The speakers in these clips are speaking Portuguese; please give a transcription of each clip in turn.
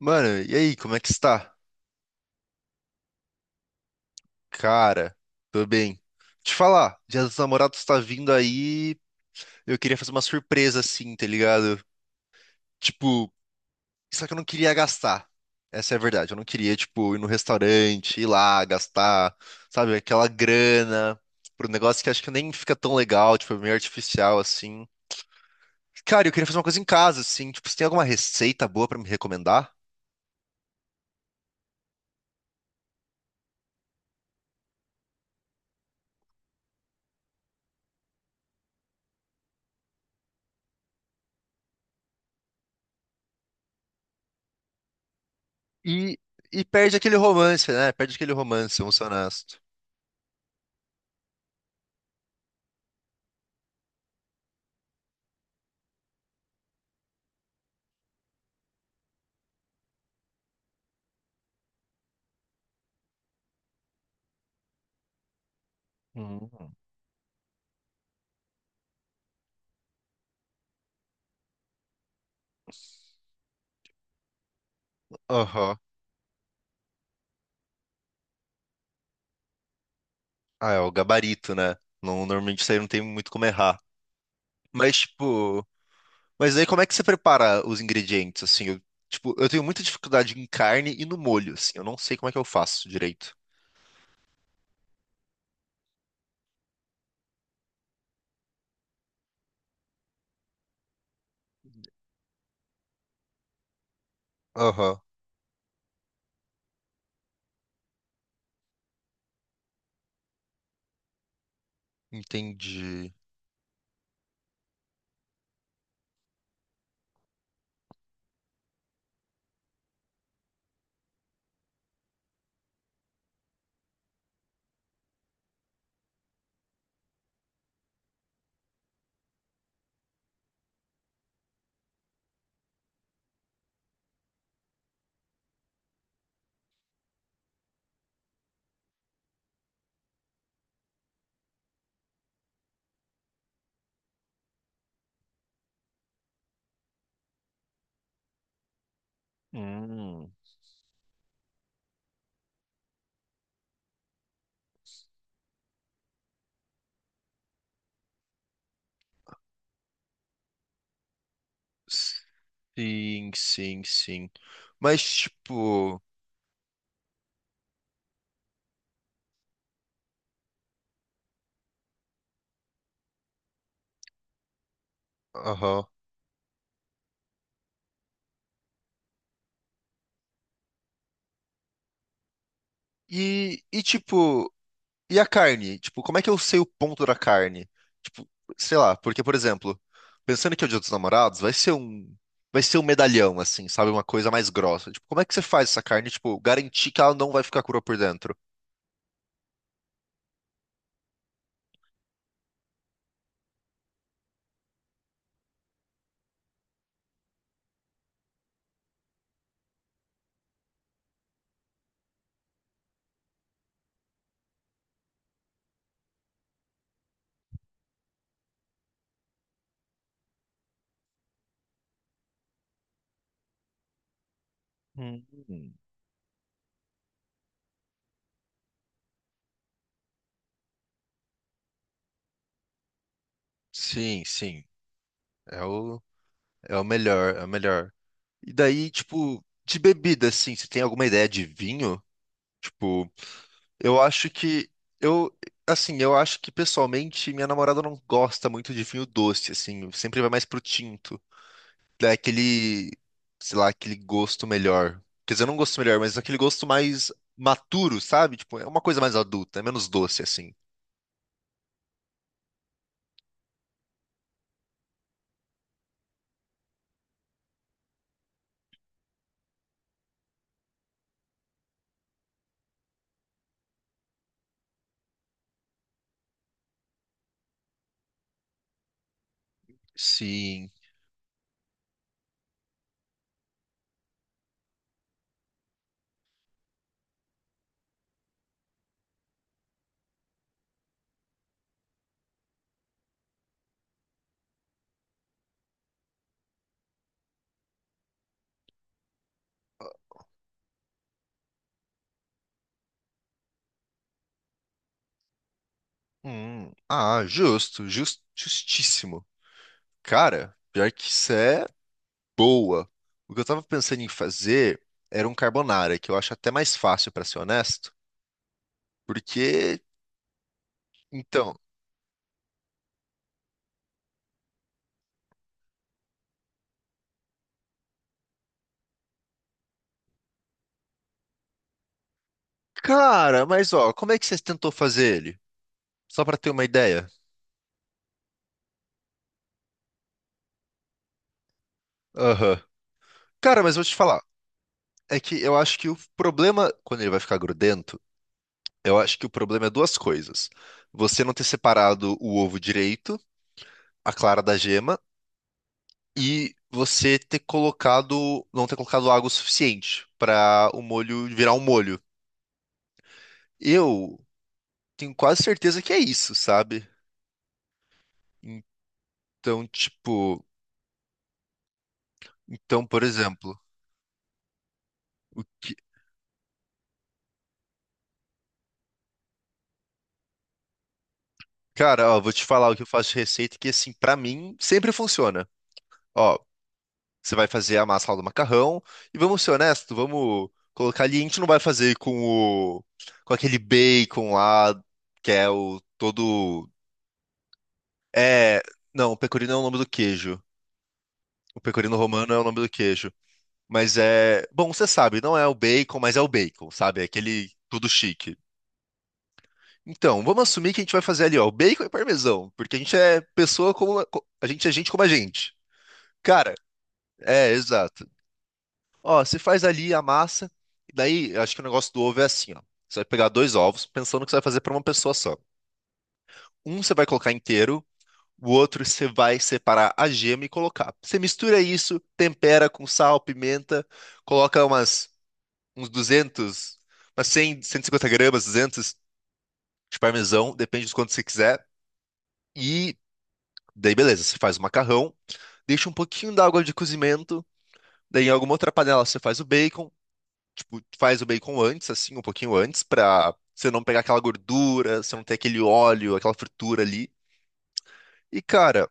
Mano, e aí, como é que está? Cara, tô bem. Te falar, Dia dos Namorados tá vindo aí. Eu queria fazer uma surpresa assim, tá ligado? Tipo, só que eu não queria gastar. Essa é a verdade. Eu não queria, tipo, ir no restaurante, ir lá, gastar, sabe, aquela grana pro negócio que acho que nem fica tão legal, tipo, é meio artificial assim. Cara, eu queria fazer uma coisa em casa, assim. Tipo, você tem alguma receita boa pra me recomendar? E, e perde aquele romance, né? Perde aquele romance, vamos ser honestos. Hum. Aham. Ah, é o gabarito, né? Não, normalmente isso aí não tem muito como errar. Mas, tipo. Mas daí como é que você prepara os ingredientes, assim? Tipo, eu tenho muita dificuldade em carne e no molho, assim. Eu não sei como é que eu faço direito. Aham, entendi. Hum, sim, sim, sim. Mas, tipo... Aham. Tipo... E a carne? Tipo, como é que eu sei o ponto da carne? Tipo, sei lá, porque, por exemplo, pensando que é o Dia dos Namorados, vai ser um medalhão, assim, sabe? Uma coisa mais grossa. Tipo, como é que você faz essa carne, tipo, garantir que ela não vai ficar crua por dentro? Hum. Sim, sim. É o, é o melhor, é o melhor. E daí, tipo, de bebida, assim, você tem alguma ideia de vinho? Tipo, eu acho que. Eu, assim, eu acho que pessoalmente minha namorada não gosta muito de vinho doce, assim, sempre vai mais pro tinto. Dá aquele, sei lá, aquele gosto melhor. Quer dizer, não gosto melhor, mas aquele gosto mais maturo, sabe? Tipo, é uma coisa mais adulta, é menos doce, assim. Sim. Ah, justo, justíssimo. Cara, pior que isso é boa. O que eu tava pensando em fazer era um carbonara, que eu acho até mais fácil, pra ser honesto. Porque, então, cara, mas ó, como é que você tentou fazer ele? Só pra ter uma ideia. Aham. Cara, mas vou te falar. É que eu acho que o problema, quando ele vai ficar grudento, eu acho que o problema é duas coisas. Você não ter separado o ovo direito, a clara da gema, e você ter colocado, não ter colocado água o suficiente pra o molho virar um molho. Eu tenho quase certeza que é isso, sabe? Então, tipo, então, por exemplo, o que- cara, ó, vou te falar o que eu faço de receita que assim, pra mim sempre funciona. Ó, você vai fazer a massa lá do macarrão. E vamos ser honestos, vamos colocar ali. A gente não vai fazer com o, com aquele bacon lá, que é o todo. É. Não, o pecorino é o nome do queijo. O pecorino romano é o nome do queijo. Mas é. Bom, você sabe, não é o bacon, mas é o bacon, sabe? É aquele tudo chique. Então, vamos assumir que a gente vai fazer ali, ó, o bacon e parmesão, porque a gente é pessoa como. A gente é gente como a gente. Cara, é, exato. Ó, você faz ali a massa, e daí eu acho que o negócio do ovo é assim, ó. Você vai pegar dois ovos, pensando que você vai fazer para uma pessoa só. Um você vai colocar inteiro, o outro você vai separar a gema e colocar. Você mistura isso, tempera com sal, pimenta, coloca umas uns 200, umas 100, 150 gramas, 200 de parmesão, depende de quanto você quiser. E daí beleza, você faz o macarrão, deixa um pouquinho d'água de cozimento, daí em alguma outra panela você faz o bacon. Tipo, tu faz o bacon antes, assim, um pouquinho antes, pra você não pegar aquela gordura, você não ter aquele óleo, aquela fritura ali. E, cara,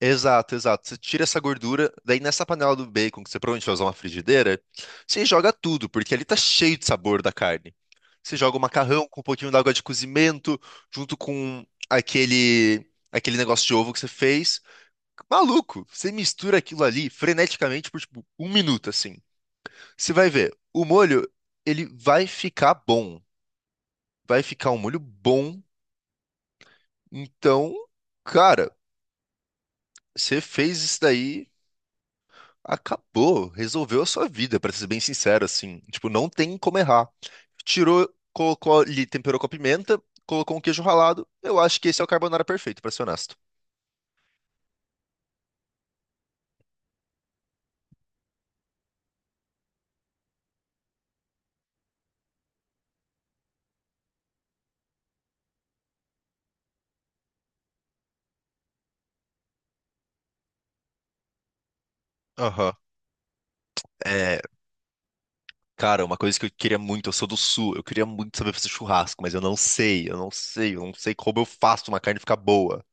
exato, exato. Você tira essa gordura, daí nessa panela do bacon, que você provavelmente vai usar uma frigideira, você joga tudo, porque ali tá cheio de sabor da carne. Você joga o macarrão com um pouquinho d'água de cozimento, junto com aquele, aquele negócio de ovo que você fez. Maluco, você mistura aquilo ali freneticamente por, tipo, um minuto, assim. Você vai ver, o molho, ele vai ficar bom. Vai ficar um molho bom. Então, cara, você fez isso daí, acabou, resolveu a sua vida, pra ser bem sincero, assim. Tipo, não tem como errar. Tirou, colocou ali, temperou com a pimenta, colocou um queijo ralado. Eu acho que esse é o carbonara perfeito, pra ser honesto. Aham. É, cara, uma coisa que eu queria muito, eu sou do sul, eu queria muito saber fazer churrasco, mas eu não sei, eu não sei, eu não sei como eu faço uma carne ficar boa.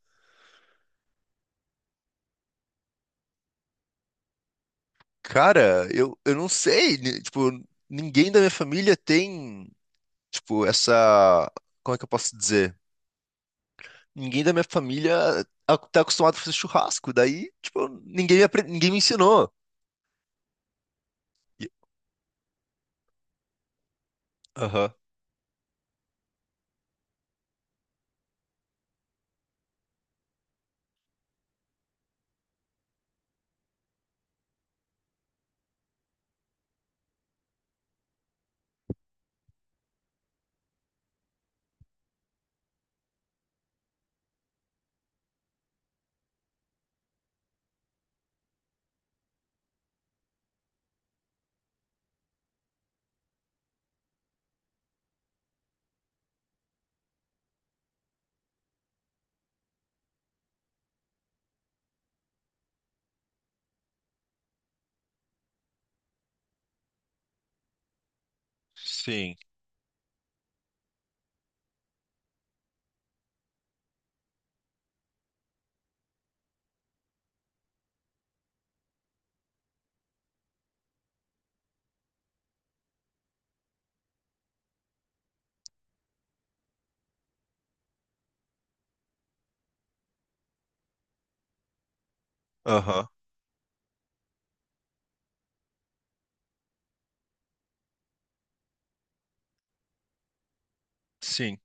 Cara, eu não sei, tipo, ninguém da minha família tem, tipo, essa, como é que eu posso dizer? Ninguém da minha família tá acostumado a fazer churrasco, daí, tipo, ninguém me ensinou. E- Aham, sim, aham, sim.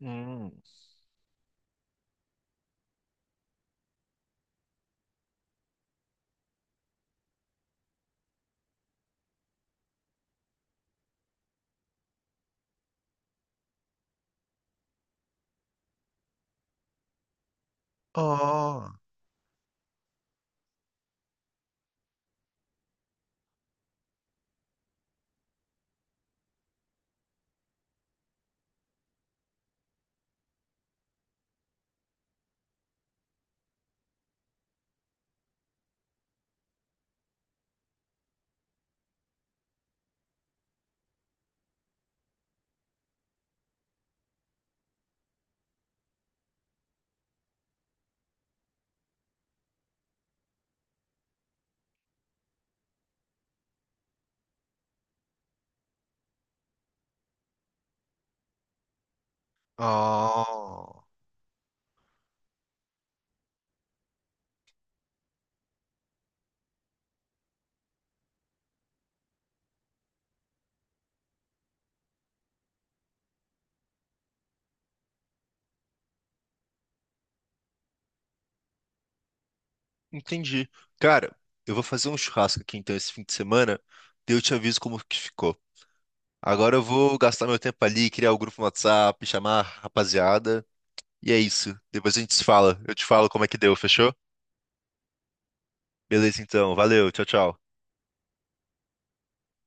Hum. Ah, ah, entendi. Cara, eu vou fazer um churrasco aqui então esse fim de semana, daí eu te aviso como que ficou. Agora eu vou gastar meu tempo ali, criar o grupo no WhatsApp, chamar a rapaziada. E é isso. Depois a gente se fala. Eu te falo como é que deu, fechou? Beleza, então. Valeu. Tchau, tchau.